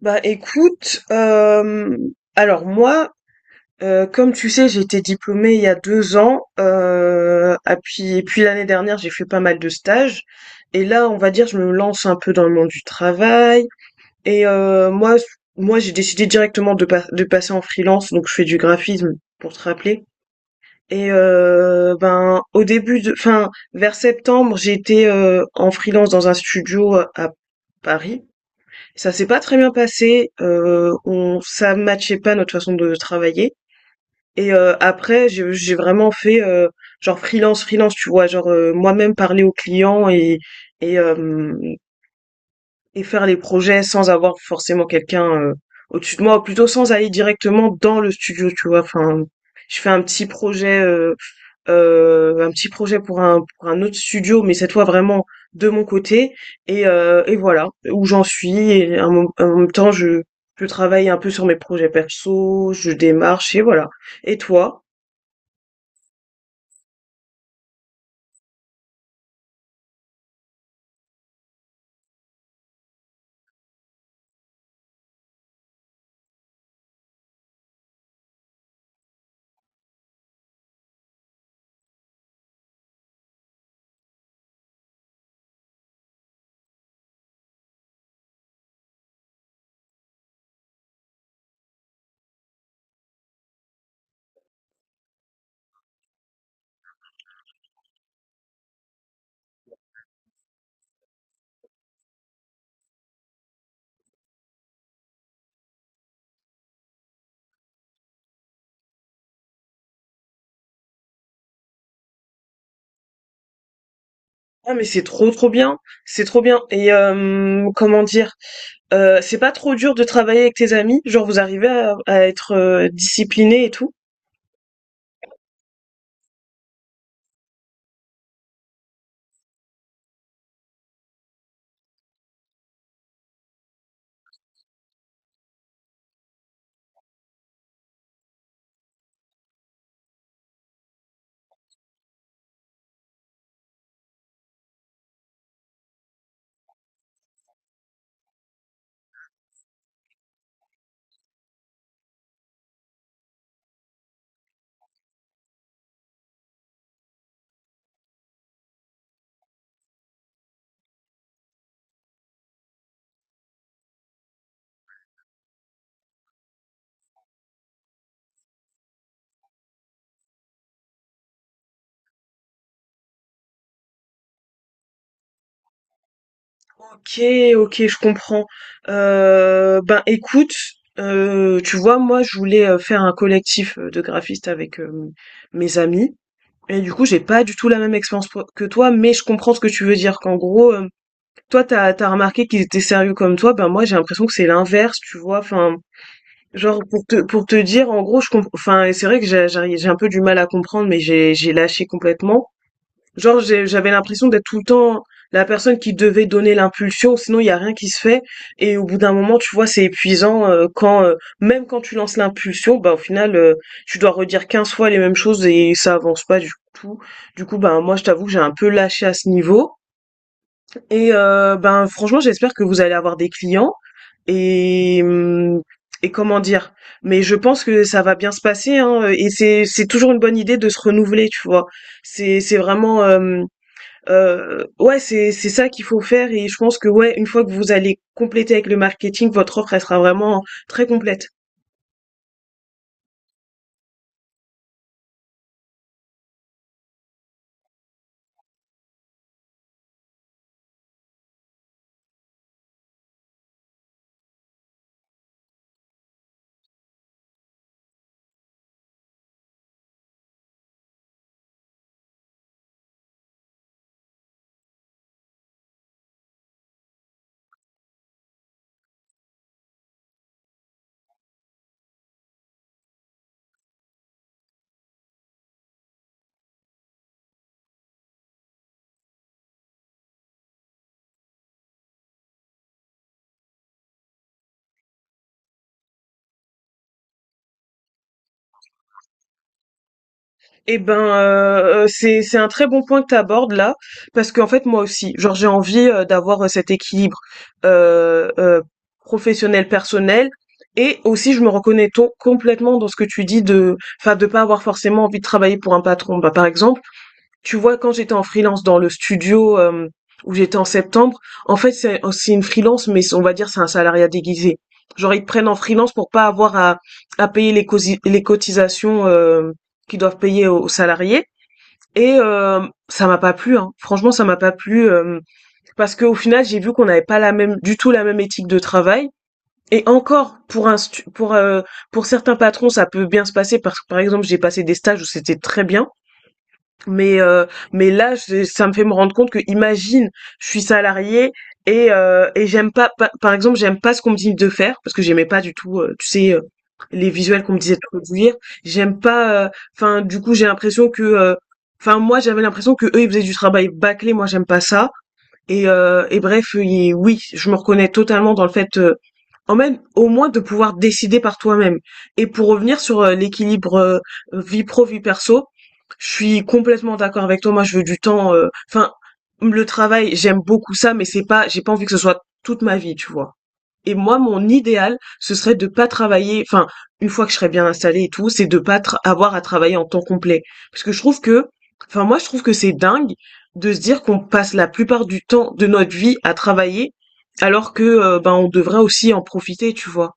Bah écoute, alors moi, comme tu sais, j'ai été diplômée il y a 2 ans, ah puis et puis l'année dernière, j'ai fait pas mal de stages et là, on va dire, je me lance un peu dans le monde du travail et heu, moi, moi, j'ai décidé directement de pas de passer en freelance, donc je fais du graphisme, pour te rappeler ben, au début de enfin, vers septembre, j'étais, en freelance dans un studio à Paris. Ça s'est pas très bien passé, on ça matchait pas notre façon de travailler après je j'ai vraiment fait, genre freelance, freelance, tu vois? Genre, moi-même parler aux clients et hem et faire les projets sans avoir forcément quelqu'un, au-dessus de moi, ou plutôt sans aller directement dans le studio, tu vois? Enfin, je fais un petit projet pour un autre studio, mais cette fois vraiment de mon côté. Et voilà où j'en suis. Et en, en même temps, je travaille un peu sur mes projets perso, je démarche et voilà. Et toi? Ah mais c'est trop trop bien, c'est trop bien. Comment dire, c'est pas trop dur de travailler avec tes amis, genre vous arrivez à être discipliné et tout? OK, OK, je comprends. Ben, écoute, tu vois, moi, je voulais, faire un collectif, de graphistes avec, mes amis et du coup, j'ai pas du tout la même expérience po que toi, mais je comprends ce que tu veux dire, qu'en gros, toi, t'as remarqué qu'ils étaient sérieux comme toi. Ben, moi, j'ai l'impression que c'est l'inverse, tu vois? Genre pour te dire en gros je comp enfin, et c'est vrai que j'ai un peu du mal à comprendre, mais j'ai lâché complètement. Genre j'avais l'impression d'être tout le temps la personne qui devait donner l'impulsion sinon il y a rien qui se fait, et au bout d'un moment tu vois c'est épuisant, quand même quand tu lances l'impulsion, bah au final, tu dois redire 15 fois les mêmes choses et ça avance pas du tout. Du coup, bah moi je t'avoue que j'ai un peu lâché à ce niveau ben franchement, j'espère que vous allez avoir des clients et hum, et comment dire. Mais je pense que ça va bien se passer hein, et c'est toujours une bonne idée de se renouveler, tu vois. C'est vraiment Ouais, c'est ça qu'il faut faire et je pense que, ouais, une fois que vous allez compléter avec le marketing, votre offre, elle sera vraiment très complète. Eh ben, c'est un très bon point que tu abordes là, parce qu'en fait moi aussi, genre j'ai envie d'avoir cet équilibre euh, euh, professionnel personnel, et aussi je me reconnais complètement dans ce que tu dis, de, enfin, de pas avoir forcément envie de travailler pour un patron. Bah par exemple, tu vois, quand j'étais en freelance dans le studio, où j'étais en septembre, en fait, c'est une freelance, mais c'est on va dire c'est un salariat déguisé. Genre, ils te prennent en freelance pour pas avoir à payer les cosi les cotisations, qu'ils doivent payer aux aux salariés ça m'a pas plu, hein. Franchement, ça m'a pas plu, parce qu'au final, j'ai vu qu'on n'avait pas la même du tout la même éthique de travail, et encore pour un stu pour certains patrons, ça peut bien se passer parce que, par exemple, j'ai passé des stages où c'était très bien, mais heu, mais là, c'est ça me fait me rendre compte que, imagine, je suis salariée et j'aime pas pa par exemple, j'aime pas ce qu'on me dit de faire parce que j'aimais pas du tout, les visuels qu'on me disait de produire. J'aime pas, enfin, du coup, j'ai l'impression que, enfin, moi, j'avais l'impression que eux ils faisaient du travail bâclé, moi, j'aime pas ça. Et bref, et oui, je me reconnais totalement dans le fait, en même au moins de pouvoir décider par toi-même. Et pour revenir sur, l'équilibre, vie pro, vie perso, je suis complètement d'accord avec toi. Moi, je veux du temps, enfin, le travail, j'aime beaucoup ça, mais c'est pas j'ai pas envie que ce soit toute ma vie, tu vois? Et moi, mon idéal, ce serait de pas travailler, enfin, une fois que je serais bien installée et tout, c'est de pas tra- avoir à travailler en temps complet. Parce que je trouve que, enfin, moi, je trouve que c'est dingue de se dire qu'on passe la plupart du temps de notre vie à travailler, alors que, ben, on devrait aussi en profiter, tu vois.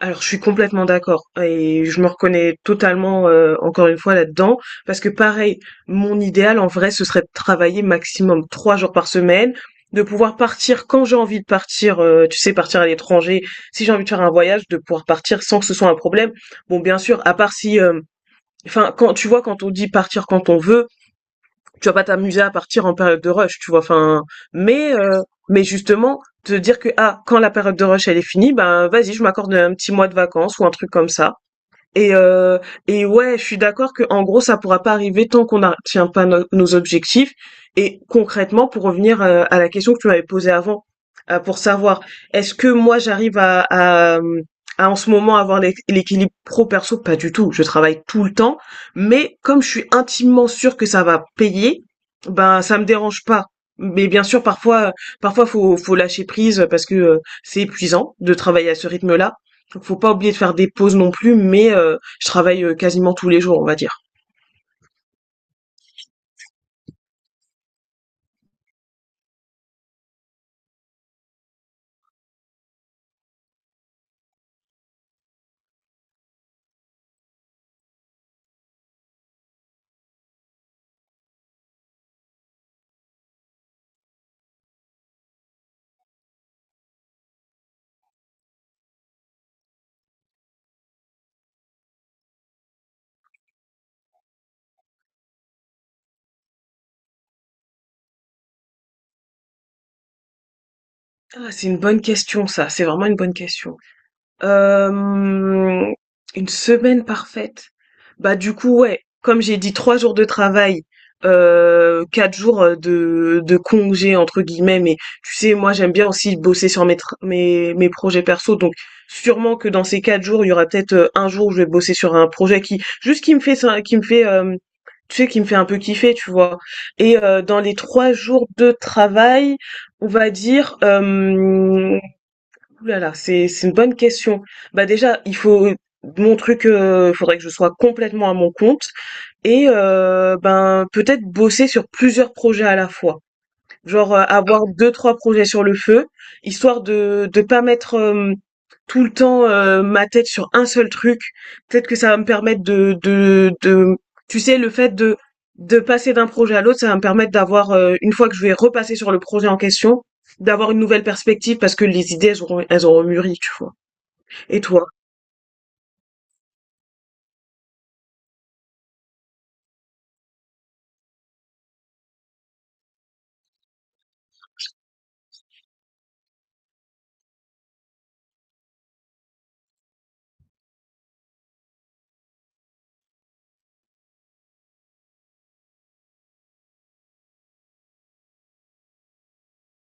Alors, je suis complètement d'accord et je me reconnais totalement, encore une fois là-dedans, parce que pareil, mon idéal en vrai, ce serait de travailler maximum 3 jours par semaine, de pouvoir partir quand j'ai envie de partir, tu sais, partir à l'étranger. Si j'ai envie de faire un voyage, de pouvoir partir sans que ce soit un problème. Bon, bien sûr, à part si, hem enfin, quand tu vois, quand on dit partir quand on veut, tu vas pas t'amuser à partir en période de rush, tu vois. Mais euh, mais justement te dire que ah quand la période de rush elle est finie, ben vas-y, je m'accorde un petit mois de vacances ou un truc comme ça. Et, euh, et ouais, je suis d'accord que en gros, ça pourra pas arriver tant qu'on n'atteint pas nos objectifs. Et concrètement, pour revenir à la question que tu m'avais posée avant, pour savoir est-ce que moi j'arrive à en ce moment avoir l'équilibre pro-perso? Pas du tout. Je travaille tout le temps, mais comme je suis intimement sûre que ça va payer, ben ça me dérange pas. Mais bien sûr, parfois, parfois faut lâcher prise parce que c'est épuisant de travailler à ce rythme-là. Donc faut pas oublier de faire des pauses non plus, mais je travaille quasiment tous les jours, on va dire. Ah, c'est une bonne question, ça. C'est vraiment une bonne question. Hem, une semaine parfaite? Bah, du coup, ouais, comme j'ai dit 3 jours de travail, 4 jours, de «congés» entre guillemets, mais tu sais, moi, j'aime bien aussi bosser sur mes tr mes mes projets perso, donc sûrement que dans ces 4 jours, il y aura peut-être, 1 jour où je vais bosser sur un projet qui me fait ça qui me fait un peu kiffer, tu vois? Dans les 3 jours de travail, on va dire, hem ouh là là, c'est une bonne question. Bah déjà, il faut mon truc, faudrait que je sois complètement à mon compte ben peut-être bosser sur plusieurs projets à la fois. Genre, avoir deux trois projets sur le feu, histoire de pas mettre, tout le temps, ma tête sur un seul truc. Peut-être que ça va me permettre de tu sais, le fait de passer d'un projet à l'autre, ça va me permettre d'avoir, une fois que je vais repasser sur le projet en question, d'avoir une nouvelle perspective parce que les idées, elles auront mûri, tu vois? Et toi?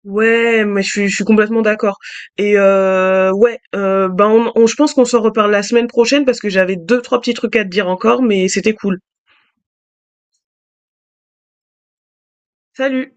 Ouais, mais je suis complètement d'accord ben, on je pense qu'on s'en reparle la semaine prochaine parce que j'avais deux trois petits trucs à te dire encore, mais c'était cool. Salut.